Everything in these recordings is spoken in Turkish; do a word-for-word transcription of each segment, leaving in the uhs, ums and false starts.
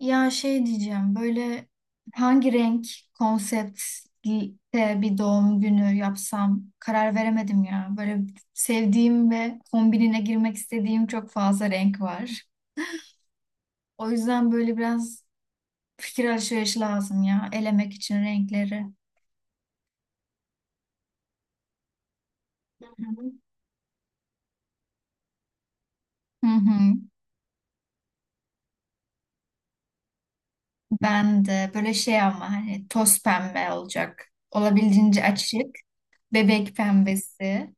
Ya şey diyeceğim böyle hangi renk konseptte bir doğum günü yapsam karar veremedim ya. Böyle sevdiğim ve kombinine girmek istediğim çok fazla renk var. O yüzden böyle biraz fikir alışverişi lazım ya elemek için renkleri. Hı hı. Hı hı. Ben de böyle şey ama hani toz pembe olacak. Olabildiğince açık. Bebek pembesi.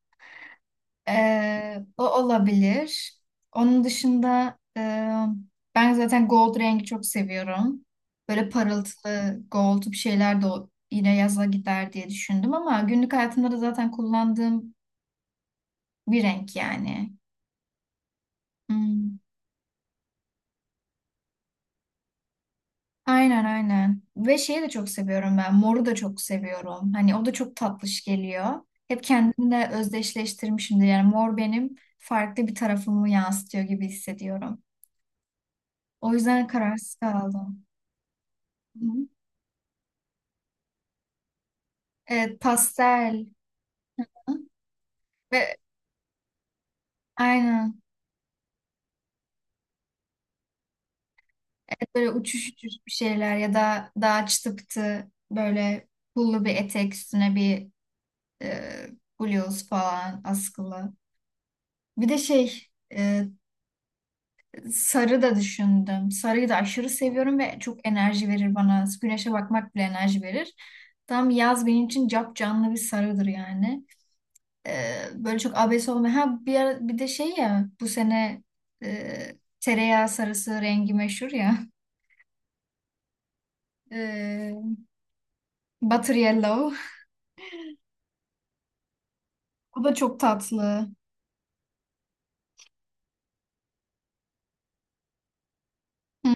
Ee, o olabilir. Onun dışında e, ben zaten gold rengi çok seviyorum. Böyle parıltılı gold bir şeyler de o- yine yaza gider diye düşündüm ama günlük hayatımda da zaten kullandığım bir renk yani. Hmm, aynen aynen. Ve şeyi de çok seviyorum ben. Moru da çok seviyorum. Hani o da çok tatlış geliyor. Hep kendimle özdeşleştirmişimdir. Yani mor benim farklı bir tarafımı yansıtıyor gibi hissediyorum. O yüzden kararsız kaldım. Hı. Evet, pastel ve aynen evet, böyle uçuş uçuş bir şeyler ya da daha çıtıktı böyle pullu bir etek üstüne bir e, bluz falan askılı. Bir de şey, e, sarı da düşündüm. Sarıyı da aşırı seviyorum ve çok enerji verir bana. Güneşe bakmak bile enerji verir. Tam yaz benim için cap canlı bir sarıdır yani. E, böyle çok abes olmayan. Ha bir ara, bir de şey ya bu sene e, tereyağı sarısı rengi meşhur ya. E, Butter Yellow. O da çok tatlı. Hı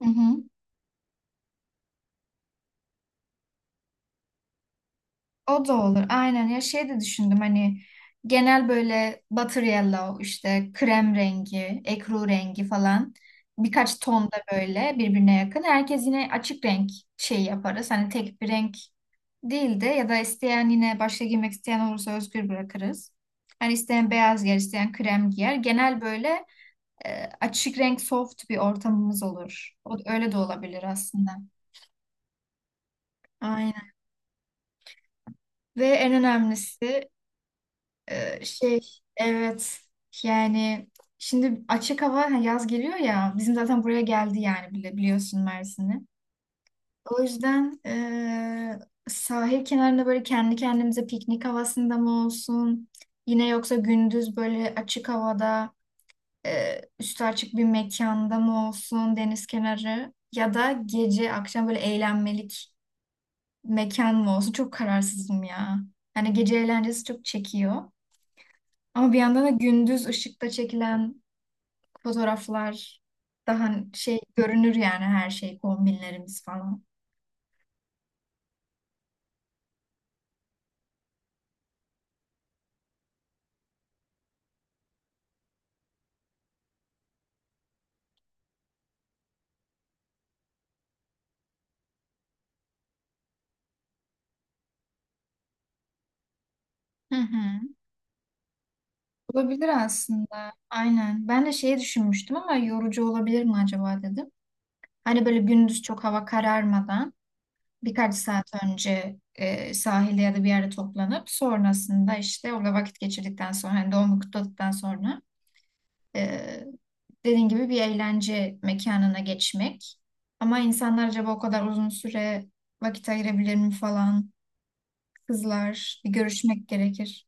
hı. Hı. O da olur. Aynen ya şey de düşündüm hani genel böyle butter yellow işte krem rengi, ekru rengi falan birkaç ton da böyle birbirine yakın. Herkes yine açık renk şey yaparız. Hani tek bir renk değil de ya da isteyen yine başka giymek isteyen olursa özgür bırakırız. Hani isteyen beyaz giyer, isteyen krem giyer. Genel böyle e, açık renk soft bir ortamımız olur. O, öyle de olabilir aslında. Aynen. Ve en önemlisi e, şey evet, yani şimdi açık hava, ha, yaz geliyor ya bizim zaten buraya geldi yani bile biliyorsun Mersin'i. O yüzden eee, sahil kenarında böyle kendi kendimize piknik havasında mı olsun? Yine yoksa gündüz böyle açık havada eee üstü açık bir mekanda mı olsun deniz kenarı? Ya da gece akşam böyle eğlenmelik mekan mı olsun? Çok kararsızım ya. Hani gece eğlencesi çok çekiyor. Ama bir yandan da gündüz ışıkta çekilen fotoğraflar daha şey görünür yani her şey, kombinlerimiz falan. Hı hı. Olabilir aslında. Aynen. Ben de şeyi düşünmüştüm ama yorucu olabilir mi acaba dedim. Hani böyle gündüz çok hava kararmadan birkaç saat önce e, sahilde ya da bir yerde toplanıp sonrasında işte orada vakit geçirdikten sonra hani doğumu kutladıktan sonra e, dediğin gibi bir eğlence mekanına geçmek. Ama insanlar acaba o kadar uzun süre vakit ayırabilir mi falan. Kızlar bir görüşmek gerekir.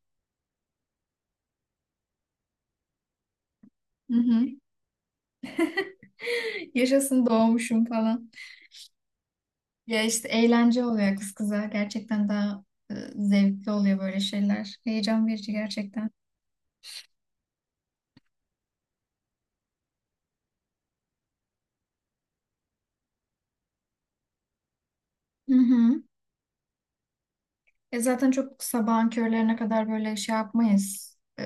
Hı hı. Yaşasın doğmuşum falan. Ya işte eğlence oluyor kız kıza. Gerçekten daha e, zevkli oluyor böyle şeyler. Heyecan verici gerçekten. Hı hı. E zaten çok sabahın körlerine kadar böyle şey yapmayız. E,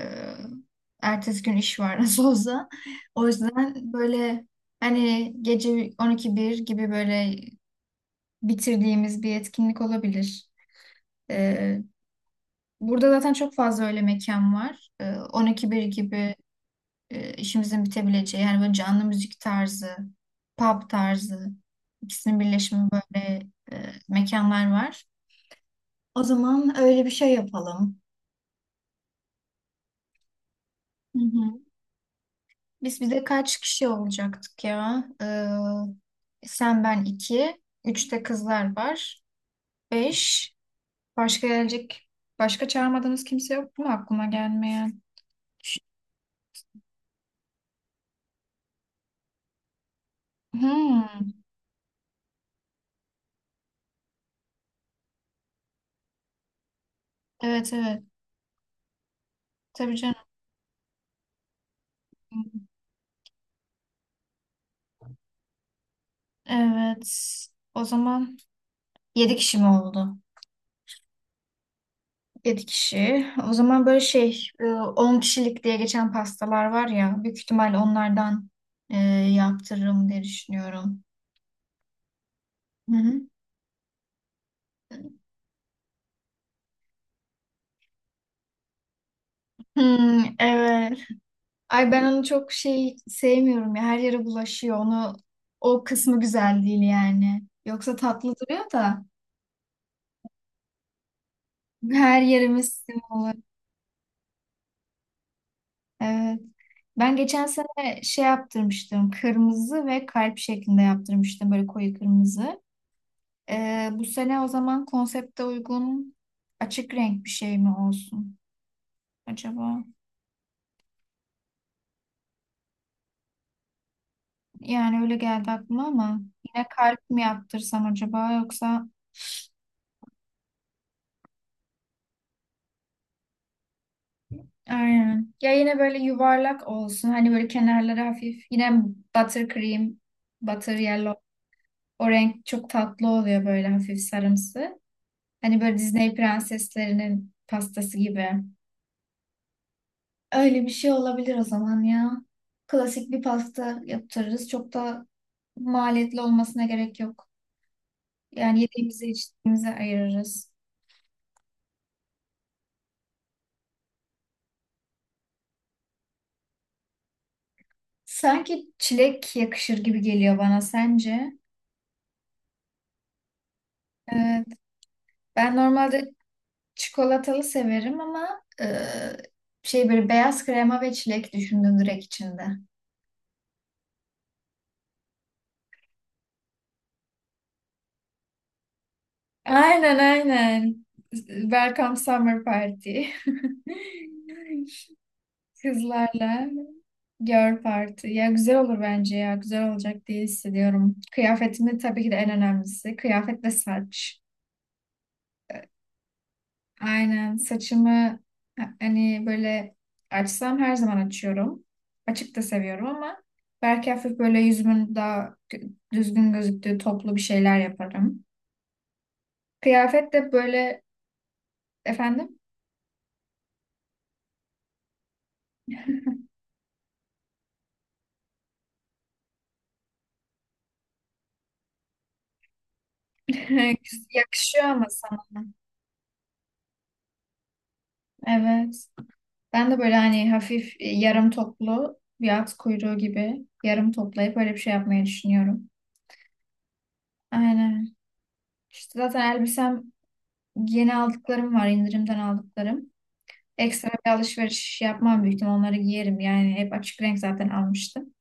Ertesi gün iş var nasıl olsa. O yüzden böyle hani gece on iki bir gibi böyle bitirdiğimiz bir etkinlik olabilir. E, Burada zaten çok fazla öyle mekan var. E, on iki bire gibi e, işimizin bitebileceği yani böyle canlı müzik tarzı, pub tarzı ikisinin birleşimi böyle e, mekanlar var. O zaman öyle bir şey yapalım. Hı hı. Biz bir de kaç kişi olacaktık ya? Ee, sen ben iki, üç de kızlar var, beş. Başka gelecek, başka çağırmadığımız kimse yok mu aklıma gelmeyen? Hmm, evet evet. Tabii canım. Evet. O zaman yedi kişi mi oldu? yedi kişi. O zaman böyle şey, e, on kişilik diye geçen pastalar var ya, büyük ihtimal onlardan e, yaptırırım diye düşünüyorum. Hı hı. Hmm, evet. Ay ben onu çok şey sevmiyorum ya. Her yere bulaşıyor. Onu o kısmı güzel değil yani. Yoksa tatlı duruyor da her yerimiz sim olur. Evet. Ben geçen sene şey yaptırmıştım. Kırmızı ve kalp şeklinde yaptırmıştım. Böyle koyu kırmızı. Ee, bu sene o zaman konsepte uygun açık renk bir şey mi olsun acaba? Yani öyle geldi aklıma ama yine kalp mi yaptırsam acaba, yoksa aynen. Ya yine böyle yuvarlak olsun. Hani böyle kenarları hafif. Yine butter cream, butter yellow. O renk çok tatlı oluyor böyle hafif sarımsı. Hani böyle Disney prenseslerinin pastası gibi. Öyle bir şey olabilir o zaman ya. Klasik bir pasta yaptırırız. Çok da maliyetli olmasına gerek yok. Yani yediğimize içtiğimize ayırırız. Sanki çilek yakışır gibi geliyor bana, sence? Evet. Ben normalde çikolatalı severim ama e, şey böyle beyaz krema ve çilek düşündüm direkt içinde. Aynen aynen. Welcome Summer Party. Kızlarla. Girl Party. Ya güzel olur bence ya. Güzel olacak diye hissediyorum. Kıyafetimi tabii ki de en önemlisi. Kıyafet ve saç. Aynen. Saçımı ha- hani böyle açsam her zaman açıyorum. Açık da seviyorum ama belki hafif böyle yüzümün daha gö- düzgün gözüktüğü toplu bir şeyler yaparım. Kıyafet de böyle, efendim, yakışıyor ama sana. Evet. Ben de böyle hani hafif e, yarım toplu bir at kuyruğu gibi yarım toplayıp öyle bir şey yapmayı düşünüyorum. Aynen. İşte zaten elbisem yeni aldıklarım var, indirimden aldıklarım. Ekstra bir alışveriş yapmam, büyük ihtimal onları giyerim. Yani hep açık renk zaten almıştım.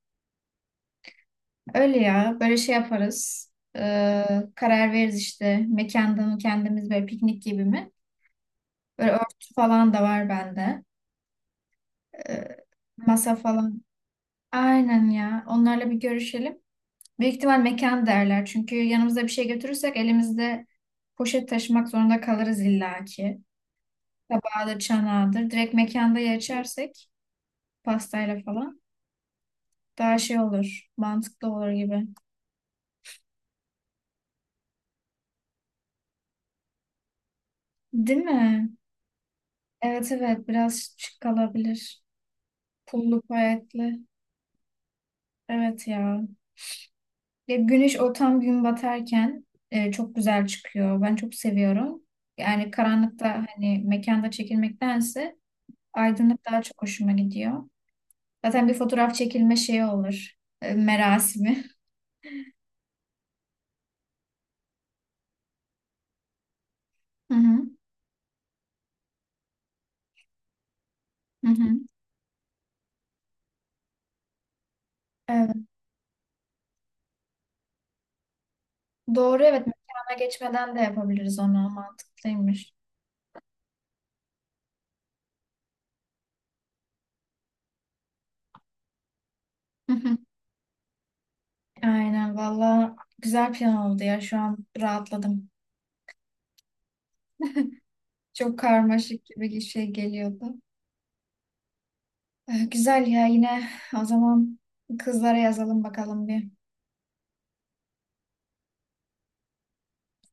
Öyle ya böyle şey yaparız. Ee, Karar veririz işte mekanda mı, kendimiz böyle piknik gibi mi? Böyle örtü falan da var bende. Ee, Masa falan. Aynen ya, onlarla bir görüşelim. Büyük ihtimal mekan derler. Çünkü yanımızda bir şey götürürsek elimizde poşet taşımak zorunda kalırız illaki. Tabağıdır, çanağıdır. Direkt mekanda ya içersek pastayla falan daha şey olur. Mantıklı olur gibi. Değil mi? Evet evet, biraz şık kalabilir. Pullu payetli. Evet ya. Ya güneş o tam gün batarken e, çok güzel çıkıyor. Ben çok seviyorum. Yani karanlıkta hani mekanda çekilmektense aydınlık daha çok hoşuma gidiyor. Zaten bir fotoğraf çekilme şeyi olur. e, Merasimi. Hı hı. Hı hı. Evet. Doğru evet. Mekana geçmeden de yapabiliriz onu. Mantıklıymış. Hı hı. Aynen valla güzel plan oldu ya. Şu an rahatladım. Çok karmaşık gibi bir şey geliyordu. E, Güzel ya, yine o zaman kızlara yazalım bakalım bir.